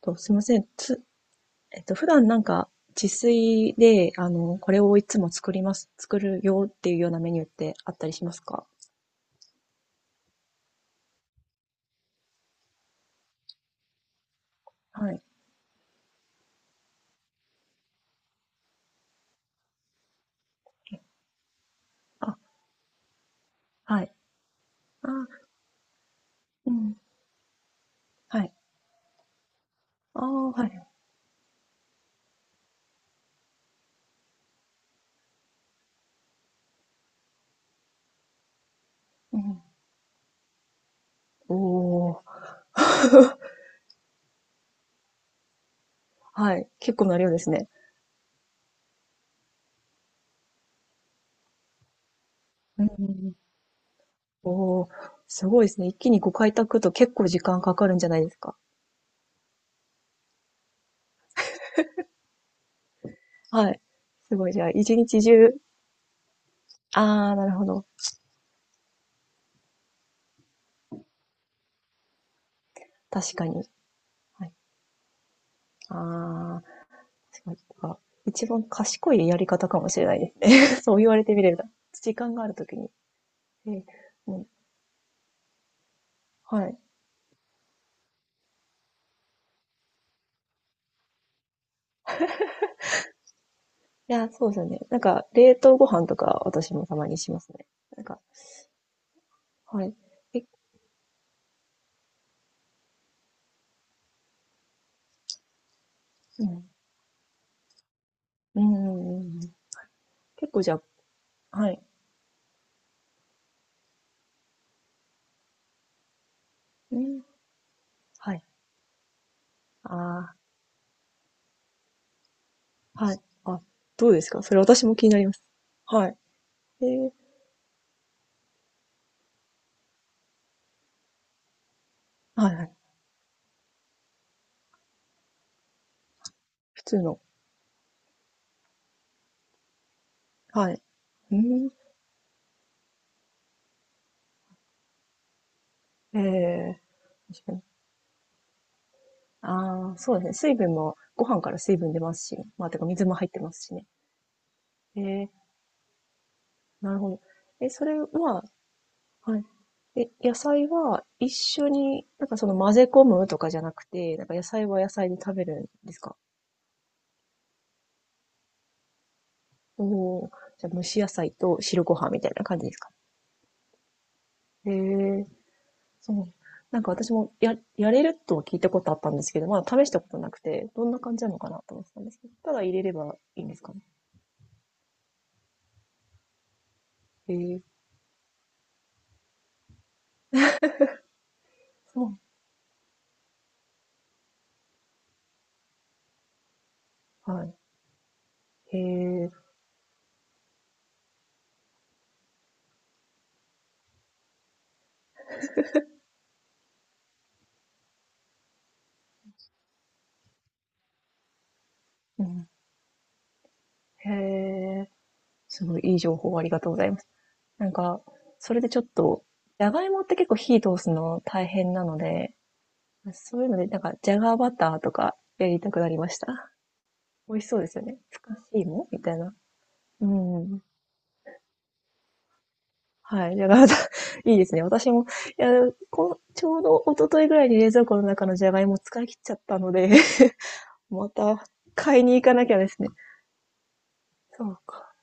すいません。つ、えっと、普段なんか自炊で、これをいつも作ります、作るよっていうようなメニューってあったりしますか？はい。あ、はい。あ、うん。はい。ああ、はい。うん。おー、はい。結構な量ですね。うん、うん、おー、すごいですね。一気にご開拓と結構時間かかるんじゃないですか？はい。すごい。じゃあ、一日中、ああ、なるほど。確かに。はい。ああ。すごい、まあ一番賢いやり方かもしれないですね。そう言われてみれば。時間があるときに。えーうん、はい。いや、そうですよね。なんか、冷凍ご飯とか私もたまにしますね。なんか、はい。え、うん。うんうんうんうん。結構じゃあ、はい。うん。はい。ああ、はい。あ、どうですかそれ、私も気になります。はい。えー、はいはい。普通の。はい。うん。ええ、確かに。ああ、そうですね。水分も、ご飯から水分出ますし、まあ、てか水も入ってますしね。ええ、なるほど。え、それは、はい。え、野菜は一緒に、なんかその混ぜ込むとかじゃなくて、なんか野菜は野菜で食べるんですか？お、おー、じゃあ蒸し野菜と汁ご飯みたいな感じですか？へえ、そう。なんか私もやれるとは聞いたことあったんですけど、まだ試したことなくて、どんな感じなのかなと思ってたんですけど、ただ入れればいいんですかね。へえ、そう。はい。へえ、うん。へえ、すごいいい情報ありがとうございます。なんか、それでちょっと、じゃがいもって結構火通すの大変なので、そういうので、なんか、じゃがバターとかやりたくなりました。美味しそうですよね。ふかしいも、みたいな。うん。はい。じゃがバター、いいですね。私も、いや、こちょうど一昨日ぐらいに冷蔵庫の中のじゃがいも使い切っちゃったので また買いに行かなきゃですね。そうか。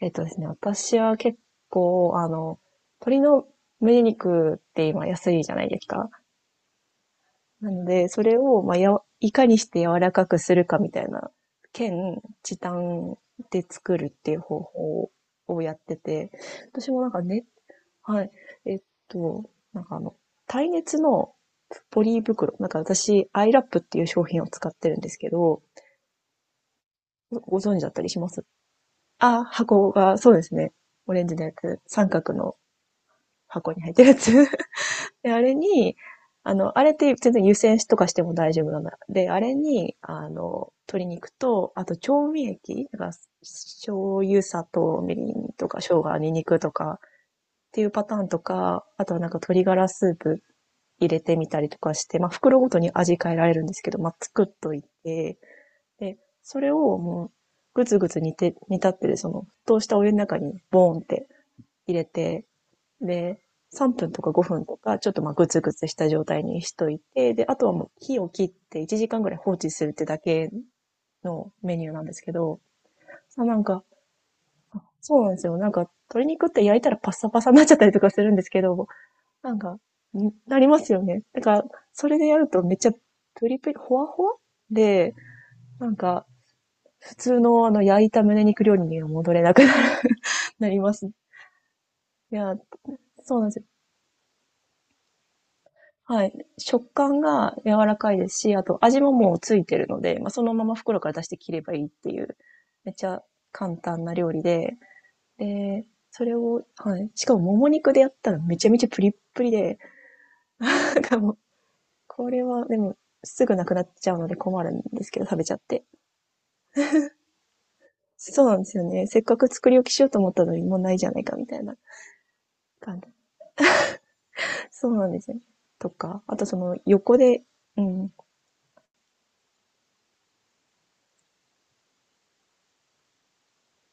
えっとですね、私は結構、あの、鶏の胸肉って今安いじゃないですか。なので、それを、まあ、やわ、いかにして柔らかくするかみたいな、兼時短で作るっていう方法をやってて、私もなんかね、はい、えっと、なんかあの、耐熱のポリ袋、なんか私、アイラップっていう商品を使ってるんですけど、ご存知だったりします？あ、箱が、そうですね。オレンジのやつ、三角の箱に入ってるやつ で、あれに、あの、あれって全然湯煎しとかしても大丈夫なの。で、あれに、あの、鶏肉と、あと調味液だから、醤油、砂糖、みりんとか、生姜、ニンニクとか、っていうパターンとか、あとはなんか鶏ガラスープ入れてみたりとかして、まあ、袋ごとに味変えられるんですけど、まあ、作っといて、で、それをもう、ぐつぐつ煮て、煮立ってる、その、沸騰したお湯の中に、ボーンって入れて、で、3分とか5分とか、ちょっとまあグツグツした状態にしといて、で、あとはもう火を切って1時間ぐらい放置するってだけのメニューなんですけど、なんか、そうなんですよ。なんか、鶏肉って焼いたらパッサパサになっちゃったりとかするんですけど、なんか、なりますよね。だから、それでやるとめっちゃプリプリ、ほわほわで、なんか、普通のあの焼いた胸肉料理には戻れなくなる。 なります。いや、そうなんですよ。はい。食感が柔らかいですし、あと味ももうついてるので、まあ、そのまま袋から出して切ればいいっていう、めっちゃ簡単な料理で、で、それをはい。しかももも肉でやったらめちゃめちゃプリップリで、なんかもう、これはでも、すぐなくなっちゃうので困るんですけど、食べちゃって。そうなんですよね。せっかく作り置きしようと思ったのに、もうないじゃないかみたいな感じ。そうなんですよね。とか、あとその横でうん、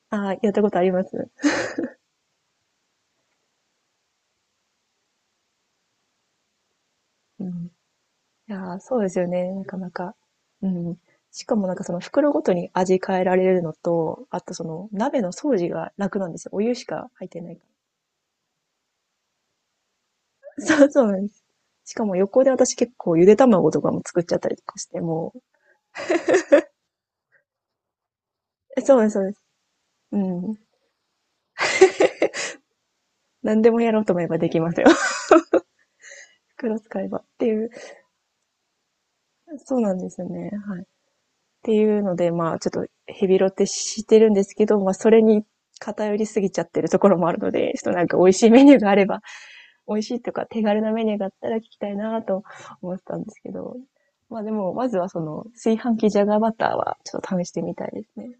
ああ、やったことあります。うん。いやー、そうですよね、なかなか。うん。しかもなんかその袋ごとに味変えられるのと、あとその鍋の掃除が楽なんですよ。お湯しか入ってないから。そうそうなんです。しかも横で私結構ゆで卵とかも作っちゃったりとかして、もう、え、そうですそうです。うん。何でもやろうと思えばできますよ。袋使えばっていう。そうなんですよね、はい。っていうので、まあ、ちょっとヘビロテしてるんですけど、ま、それに偏りすぎちゃってるところもあるので、ちょっとなんか美味しいメニューがあれば、美味しいとか手軽なメニューがあったら聞きたいなと思ってたんですけど。まあでも、まずはその、炊飯器ジャガーバターはちょっと試してみたいですね。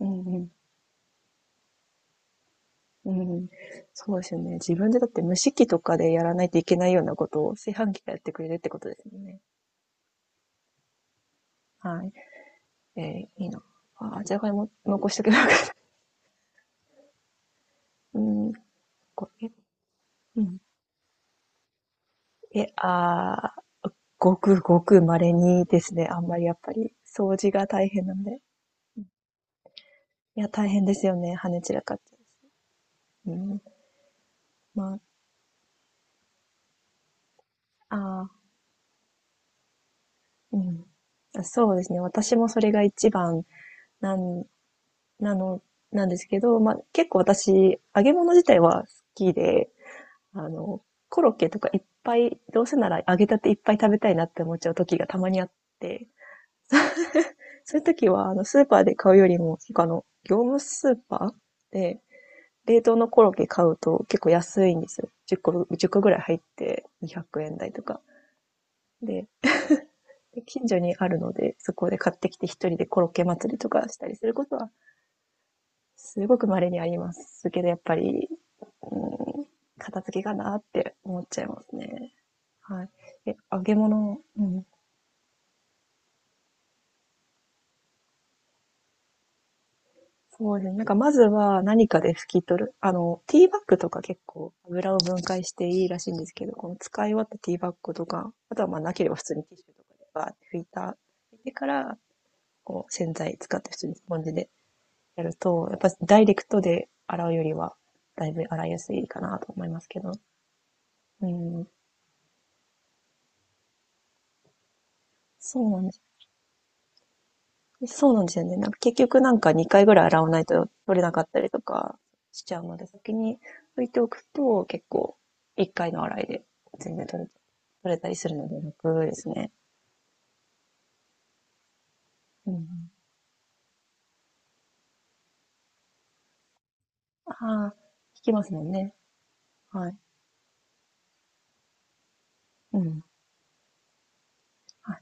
うんうん。うん、そうですよね。自分でだって蒸し器とかでやらないといけないようなことを炊飯器がやってくれるってことですよね。はい。えーいいな。あー、じゃがいも残しとけばよかった。うん、これ。うん。え、あー、ごくごく稀にですね。あんまりやっぱり掃除が大変なんで。いや、大変ですよね。跳ね散らかって。うん。ま、ああー、うん。そうですね。私もそれが一番なん、なの、なんですけど、ま、結構私、揚げ物自体は好きで、あの、コロッケとかいっぱい、どうせなら揚げたていっぱい食べたいなって思っちゃう時がたまにあって、そういう時は、あの、スーパーで買うよりも、結構あの、業務スーパーで、冷凍のコロッケ買うと結構安いんですよ。10個ぐらい入って200円台とか。で、近所にあるので、そこで買ってきて一人でコロッケ祭りとかしたりすることは、すごく稀にありますけど、やっぱり、うん、片付けかなって思っちゃいますね。はい。え、揚げ物、うん。そうですね。なんかまずは何かで拭き取る。あの、ティーバッグとか結構油を分解していいらしいんですけど、この使い終わったティーバッグとか、あとはまあなければ普通にティッシュとかでバーって拭いた。でから、こう洗剤使って普通にスポンジでやると、やっぱダイレクトで洗うよりは、だいぶ洗いやすいかなと思いますけど。うん。そうなんです。そうなんですよね。なんか結局なんか2回ぐらい洗わないと取れなかったりとかしちゃうので、先に拭いておくと結構1回の洗いで全然取れたりするので楽ですね。うん。ああ、引きますもんね。はい。うん。はい。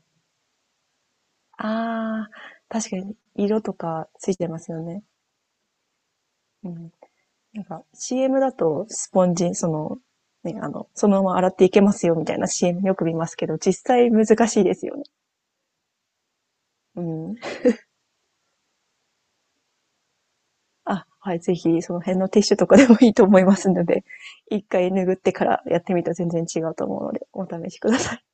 ああ、確かに色とかついてますよね。うん。なんか CM だとスポンジ、その、ね、あの、そのまま洗っていけますよみたいな CM よく見ますけど、実際難しいですよね。うん。あ、はい、ぜひその辺のティッシュとかでもいいと思いますので、1回拭ってからやってみたら全然違うと思うので、お試しください。